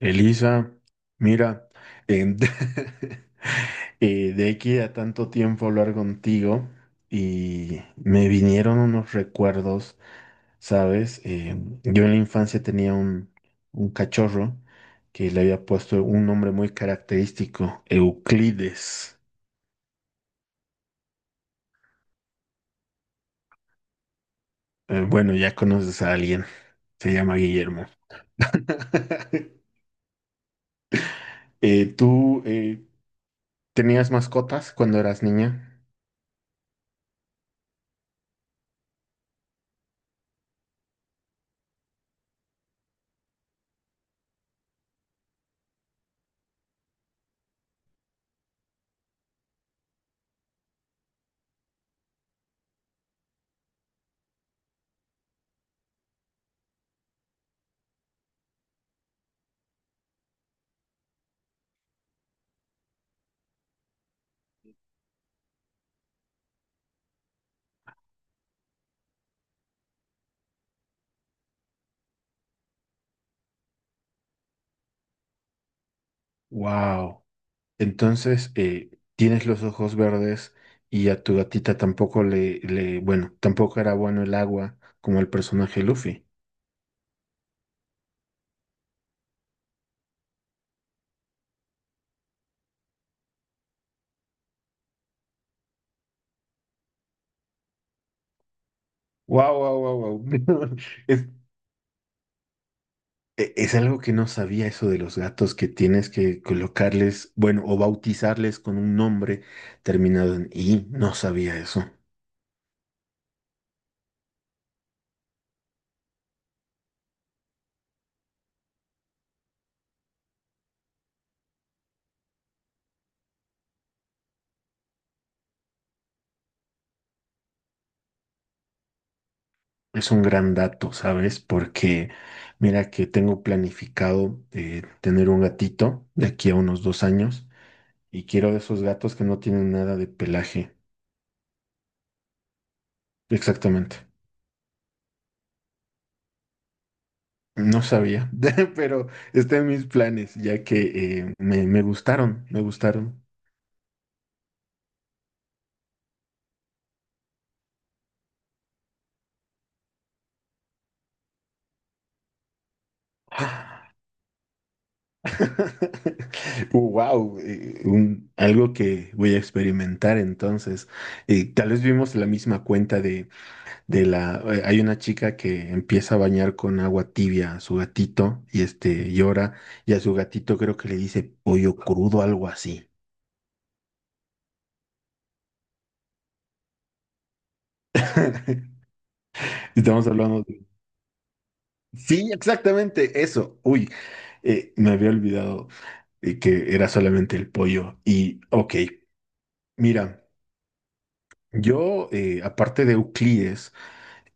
Elisa, mira, em, de aquí a tanto tiempo hablar contigo y me vinieron unos recuerdos, ¿sabes? Yo en la infancia tenía un cachorro que le había puesto un nombre muy característico, Euclides. Bueno, ya conoces a alguien, se llama Guillermo. ¿Tú tenías mascotas cuando eras niña? Wow. Entonces, tienes los ojos verdes y a tu gatita tampoco bueno, tampoco era bueno el agua como el personaje Luffy. Wow, wow, wow, wow. Es, es algo que no sabía eso de los gatos que tienes que colocarles, bueno, o bautizarles con un nombre terminado en I. No sabía eso. Es un gran dato, ¿sabes? Porque mira que tengo planificado tener un gatito de aquí a unos 2 años. Y quiero de esos gatos que no tienen nada de pelaje. Exactamente. No sabía, pero está en mis planes, ya que me gustaron, me gustaron. Wow, algo que voy a experimentar entonces. Tal vez vimos la misma cuenta de la. Hay una chica que empieza a bañar con agua tibia a su gatito y este llora, y a su gatito creo que le dice pollo crudo, algo así. Estamos hablando Sí, exactamente eso. Uy, me había olvidado que era solamente el pollo. Y, ok, mira, aparte de Euclides,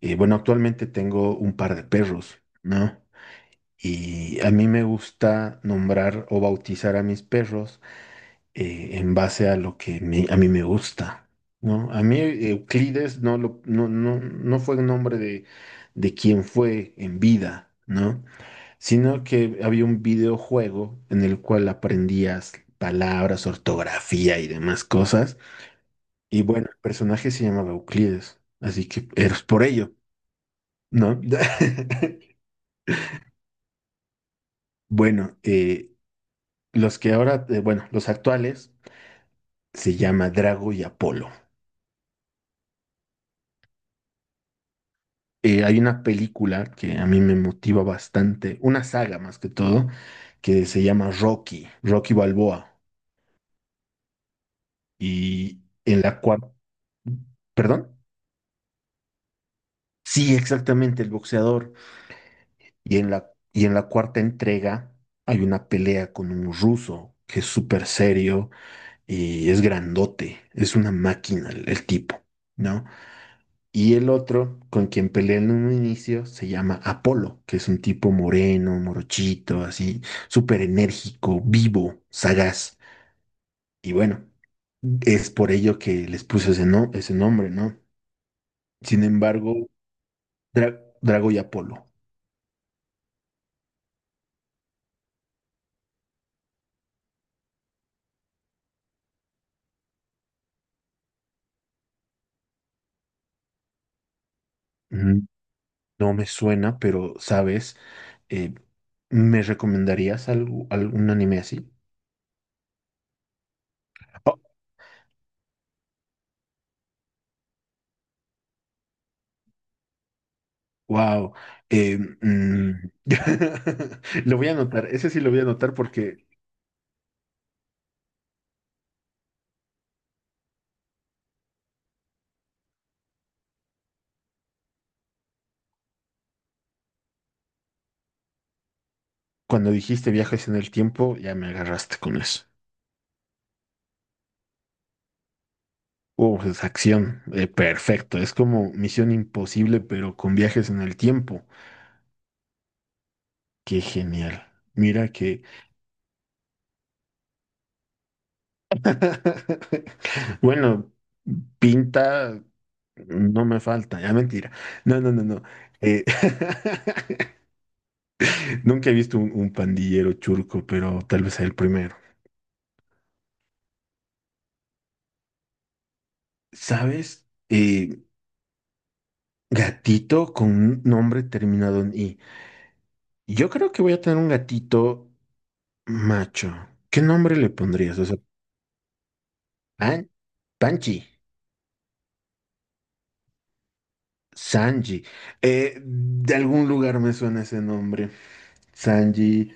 bueno, actualmente tengo un par de perros, ¿no? Y a mí me gusta nombrar o bautizar a mis perros en base a lo que a mí me gusta, ¿no? A mí Euclides no, lo, no, no, no fue el nombre de quien fue en vida, ¿no? Sino que había un videojuego en el cual aprendías palabras, ortografía y demás cosas. Y bueno, el personaje se llamaba Euclides, así que eres por ello, ¿no? Bueno, los actuales se llama Drago y Apolo. Hay una película que a mí me motiva bastante, una saga más que todo, que se llama Rocky, Rocky Balboa, y en la cual, ¿perdón? Sí, exactamente, el boxeador. Y en la cuarta entrega hay una pelea con un ruso que es súper serio y es grandote, es una máquina el tipo, ¿no? Y el otro con quien pelea en un inicio se llama Apolo, que es un tipo moreno, morochito, así, súper enérgico, vivo, sagaz. Y bueno, es por ello que les puse ese, no, ese nombre, ¿no? Sin embargo, Drago y Apolo. No me suena, pero sabes, Eh, ¿me recomendarías algo, algún anime así? Wow. Lo voy a anotar, ese sí lo voy a anotar porque cuando dijiste viajes en el tiempo, ya me agarraste con eso. Oh, es acción, perfecto. Es como Misión Imposible, pero con viajes en el tiempo. Qué genial. Mira que. Bueno, pinta no me falta, ya mentira. No, no, no, no. Eh, Nunca he visto un pandillero churco, pero tal vez sea el primero. ¿Sabes? Gatito con un nombre terminado en I. Yo creo que voy a tener un gatito macho. ¿Qué nombre le pondrías? O sea, Pan- Panchi, Sanji. De algún lugar me suena ese nombre. Sanji.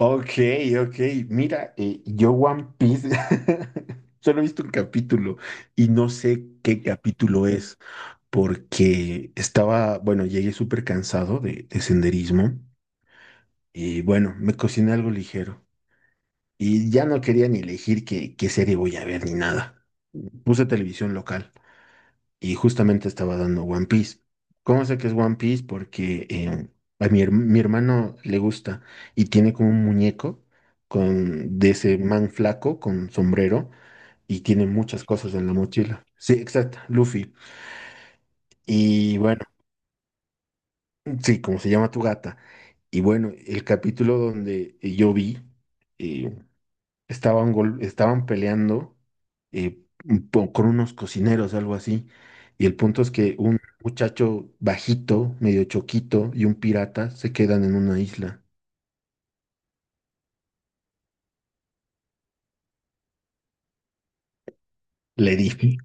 Ok, ok. Mira, yo One Piece solo he visto un capítulo y no sé qué capítulo es porque bueno, llegué súper cansado de senderismo y bueno, me cociné algo ligero y ya no quería ni elegir qué, serie voy a ver ni nada. Puse televisión local y justamente estaba dando One Piece. ¿Cómo sé que es One Piece? Porque mi hermano le gusta y tiene como un muñeco de ese man flaco con sombrero y tiene muchas cosas en la mochila. Sí, exacto, Luffy. Y bueno, sí, como se llama tu gata. Y bueno, el capítulo donde yo vi, eh, estaban peleando con unos cocineros, algo así. Y el punto es que un muchacho bajito, medio choquito, y un pirata se quedan en una isla. Le dije,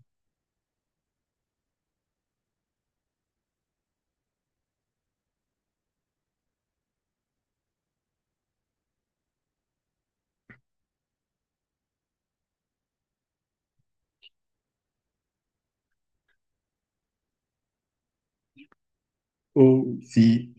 oh, sí.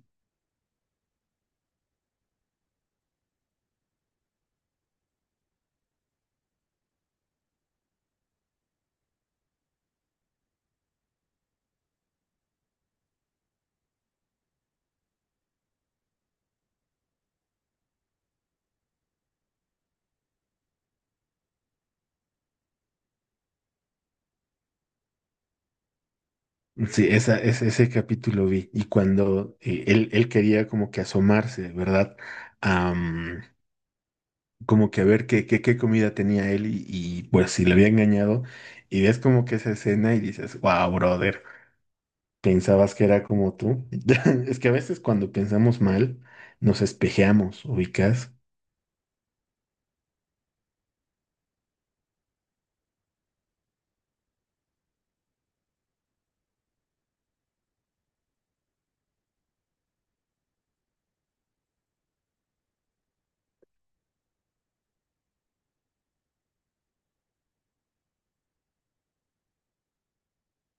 Sí, ese capítulo vi. Y cuando él quería como que asomarse, ¿verdad? Am, Como que a ver qué comida tenía él y, pues si le había engañado. Y ves como que esa escena y dices, wow, brother. Pensabas que era como tú. Es que a veces cuando pensamos mal, nos espejeamos, ubicas,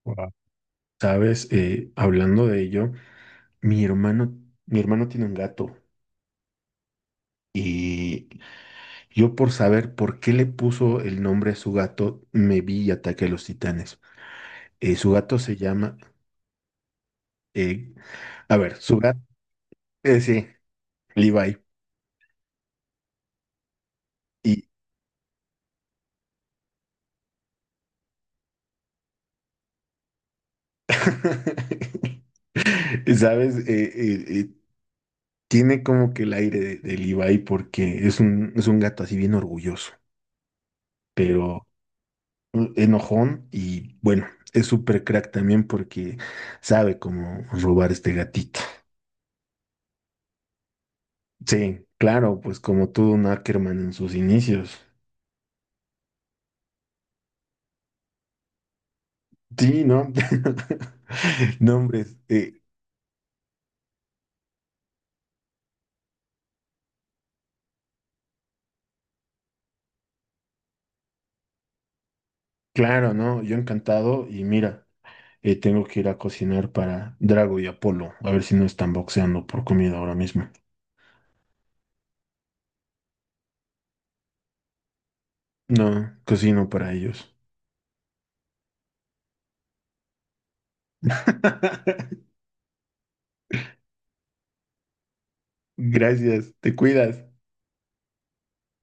wow. ¿Sabes? Hablando de ello, mi hermano, mi hermano tiene un gato y yo por saber por qué le puso el nombre a su gato, me vi y ataqué a los titanes. Su gato se llama, eh, a ver, su gato, sí, Levi. Y ¿sabes? Tiene como que el aire del Ibai porque es un gato así bien orgulloso, pero enojón y bueno, es súper crack también porque sabe cómo robar este gatito. Sí, claro, pues como todo un Ackerman en sus inicios. Sí, ¿no? No, hombre, claro, ¿no? Yo encantado y mira, tengo que ir a cocinar para Drago y Apolo, a ver si no están boxeando por comida ahora mismo. No, cocino para ellos. Gracias, te cuidas.